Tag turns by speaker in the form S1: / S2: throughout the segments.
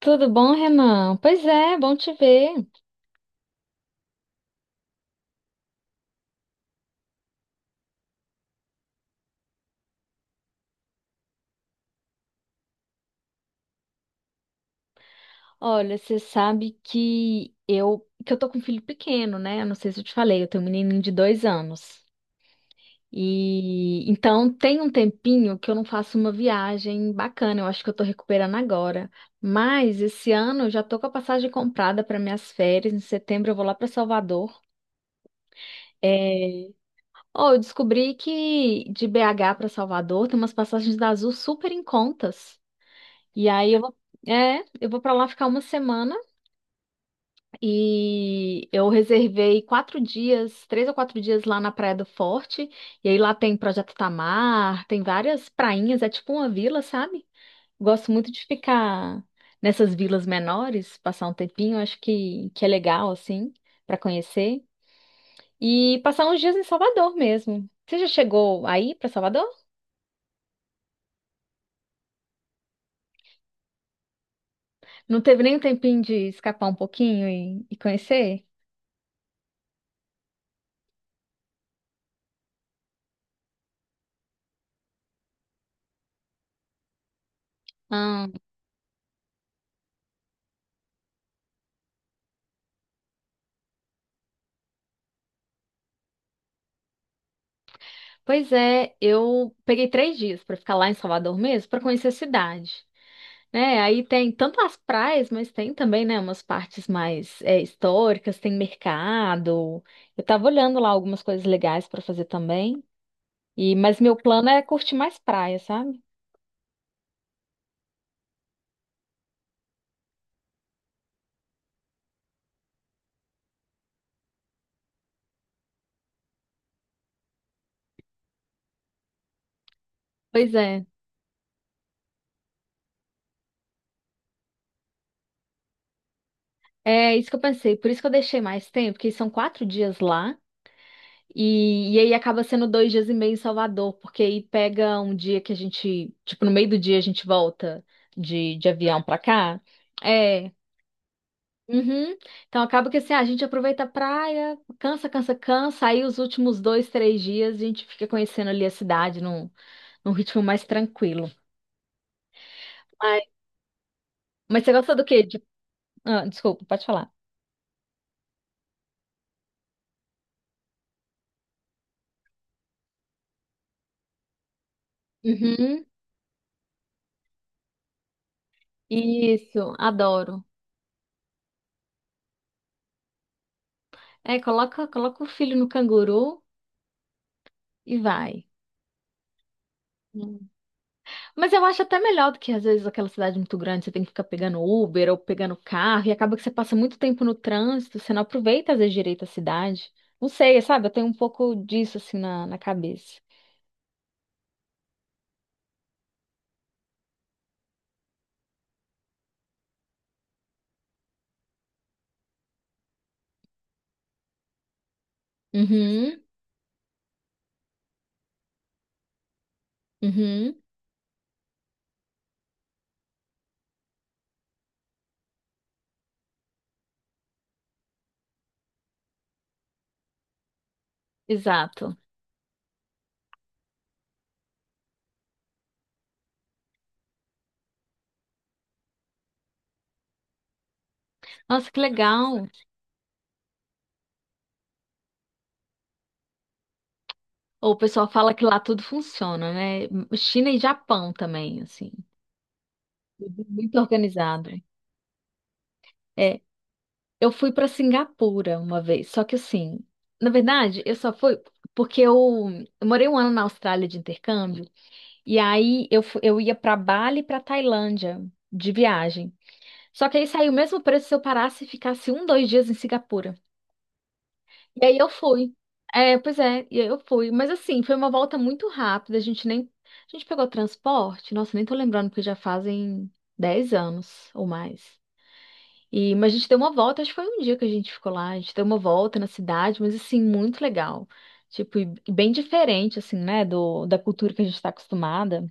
S1: Tudo bom, Renan? Pois é, bom te ver. Olha, você sabe que eu tô com um filho pequeno, né? Eu não sei se eu te falei, eu tenho um menininho de 2 anos. E então tem um tempinho que eu não faço uma viagem bacana. Eu acho que eu tô recuperando agora. Mas esse ano eu já tô com a passagem comprada para minhas férias. Em setembro eu vou lá para Salvador. É. Oh, eu descobri que de BH para Salvador tem umas passagens da Azul super em contas. E aí eu vou, eu vou para lá ficar uma semana e eu reservei 4 dias, 3 ou 4 dias lá na Praia do Forte. E aí lá tem Projeto Tamar, tem várias prainhas, é tipo uma vila, sabe? Gosto muito de ficar nessas vilas menores, passar um tempinho, acho que é legal, assim, para conhecer. E passar uns dias em Salvador mesmo. Você já chegou aí para Salvador? Não teve nem um tempinho de escapar um pouquinho e conhecer? Pois é, eu peguei 3 dias para ficar lá em Salvador mesmo, para conhecer a cidade, né? Aí tem tanto as praias, mas tem também, né, umas partes mais históricas, tem mercado. Eu tava olhando lá algumas coisas legais para fazer também. E mas meu plano é curtir mais praia, sabe? Pois é, é isso que eu pensei. Por isso que eu deixei mais tempo, porque são 4 dias lá. E aí acaba sendo 2 dias e meio em Salvador, porque aí pega um dia que a gente, tipo, no meio do dia a gente volta de avião pra cá. É. Uhum. Então acaba que assim, a gente aproveita a praia, cansa, cansa, cansa, aí os últimos 2, 3 dias a gente fica conhecendo ali a cidade num ritmo mais tranquilo. Ai. Mas você gosta do quê? Ah, desculpa, pode falar. Uhum. Isso, adoro. É, coloca o filho no canguru e vai. Mas eu acho até melhor do que às vezes aquela cidade muito grande, você tem que ficar pegando Uber ou pegando carro e acaba que você passa muito tempo no trânsito, você não aproveita às vezes direito a cidade. Não sei, sabe? Eu tenho um pouco disso assim na cabeça. Uhum, uhum, exato. Nossa, que legal. O pessoal fala que lá tudo funciona, né? China e Japão também, assim. Tudo muito organizado. É, eu fui para Singapura uma vez, só que assim, na verdade, eu só fui porque eu morei um ano na Austrália de intercâmbio e aí eu ia para Bali e para Tailândia de viagem. Só que aí saiu o mesmo preço se eu parasse e ficasse um, dois dias em Singapura. E aí eu fui. É, pois é, e aí eu fui. Mas assim, foi uma volta muito rápida. A gente nem, a gente pegou transporte. Nossa, nem tô lembrando porque já fazem 10 anos ou mais. E, mas a gente deu uma volta, acho que foi um dia que a gente ficou lá, a gente deu uma volta na cidade, mas assim, muito legal. Tipo, e bem diferente, assim, né, da cultura que a gente está acostumada. O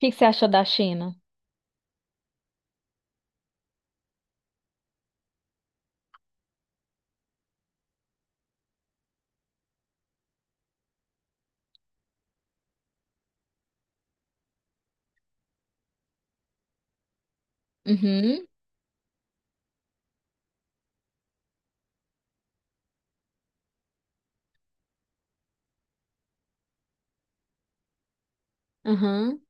S1: que que você achou da China? Uhum, uhum,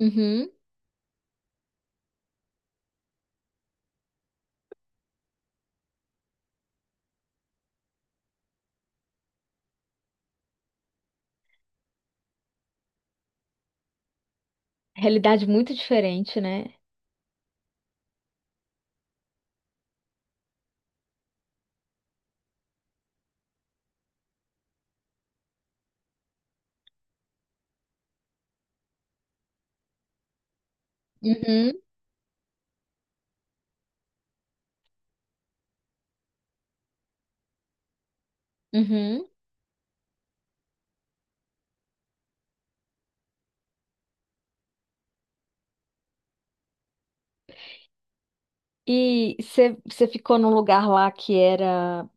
S1: uhum. Realidade muito diferente, né? Uhum, uhum. E você ficou num lugar lá que era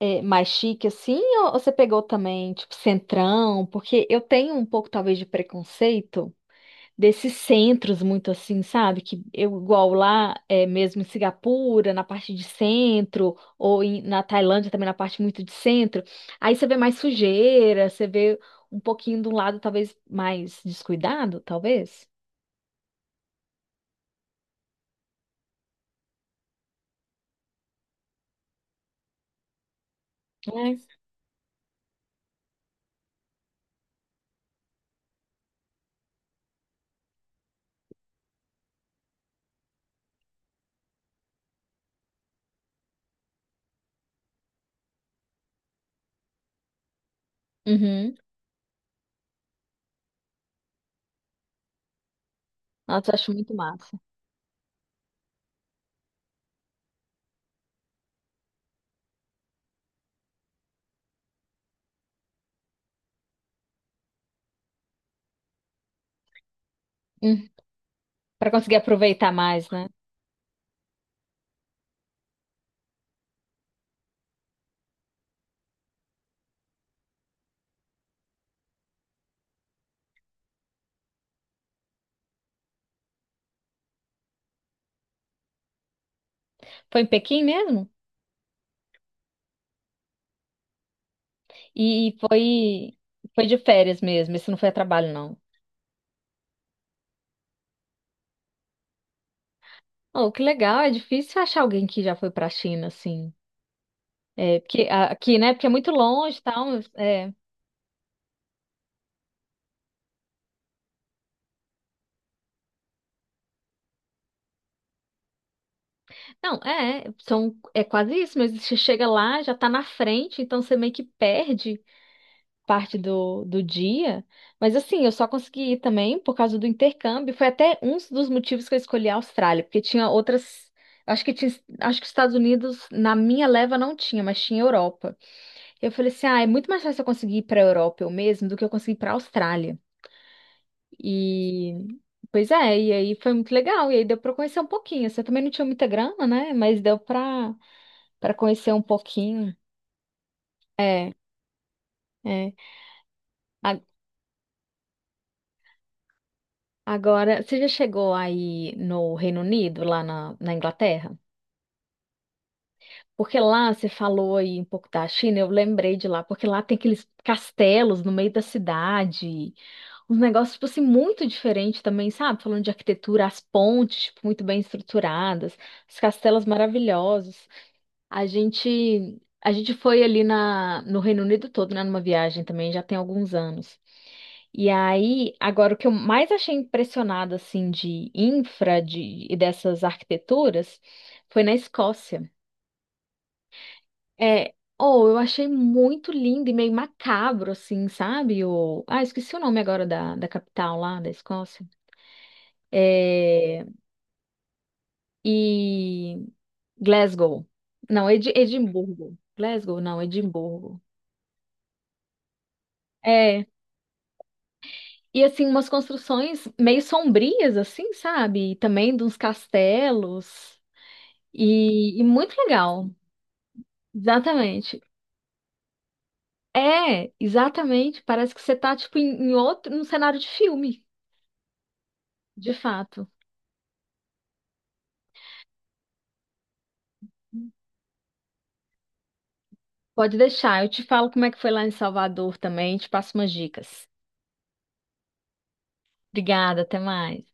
S1: mais chique, assim, ou você pegou também, tipo, centrão? Porque eu tenho um pouco, talvez, de preconceito, desses centros muito assim, sabe? Que eu igual lá, mesmo em Singapura, na parte de centro, ou na Tailândia também na parte muito de centro, aí você vê mais sujeira, você vê um pouquinho de um lado talvez mais descuidado, talvez. Né? Uhum. Nossa, eu acho muito massa. Hum. Para conseguir aproveitar mais, né? Foi em Pequim mesmo? E foi de férias mesmo, isso não foi a trabalho, não. Oh, que legal, é difícil achar alguém que já foi pra China, assim. É, porque aqui, né? Porque é muito longe e tal. Mas, é. Não, é, são, é quase isso, mas você chega lá, já tá na frente, então você meio que perde parte do dia. Mas assim, eu só consegui ir também por causa do intercâmbio. Foi até um dos motivos que eu escolhi a Austrália, porque tinha outras. Acho que tinha, acho que os Estados Unidos, na minha leva, não tinha, mas tinha Europa. Eu falei assim: ah, é muito mais fácil eu conseguir ir pra Europa eu mesmo do que eu conseguir ir pra Austrália. E pois é, e aí foi muito legal, e aí deu para conhecer um pouquinho. Você também não tinha muita grana, né? Mas deu para conhecer um pouquinho. É, é. A- Agora, você já chegou aí no Reino Unido, lá na Inglaterra? Porque lá você falou aí um pouco da China, eu lembrei de lá, porque lá tem aqueles castelos no meio da cidade, uns negócios, tipo assim, muito diferentes também, sabe? Falando de arquitetura, as pontes, tipo, muito bem estruturadas, os castelos maravilhosos. A gente foi ali no Reino Unido todo, né, numa viagem também, já tem alguns anos. E aí, agora o que eu mais achei impressionado, assim, de infra de, e dessas arquiteturas, foi na Escócia. É, oh, eu achei muito lindo e meio macabro, assim, sabe? O, ah, esqueci o nome agora da capital lá, da Escócia. É, e Glasgow. Não, Edimburgo. Glasgow, não, Edimburgo. É, e assim, umas construções meio sombrias, assim, sabe? E também de uns castelos. E muito legal. Exatamente. É, exatamente. Parece que você tá, tipo, em outro, num cenário de filme, de fato. Pode deixar. Eu te falo como é que foi lá em Salvador também, te passo umas dicas. Obrigada, até mais.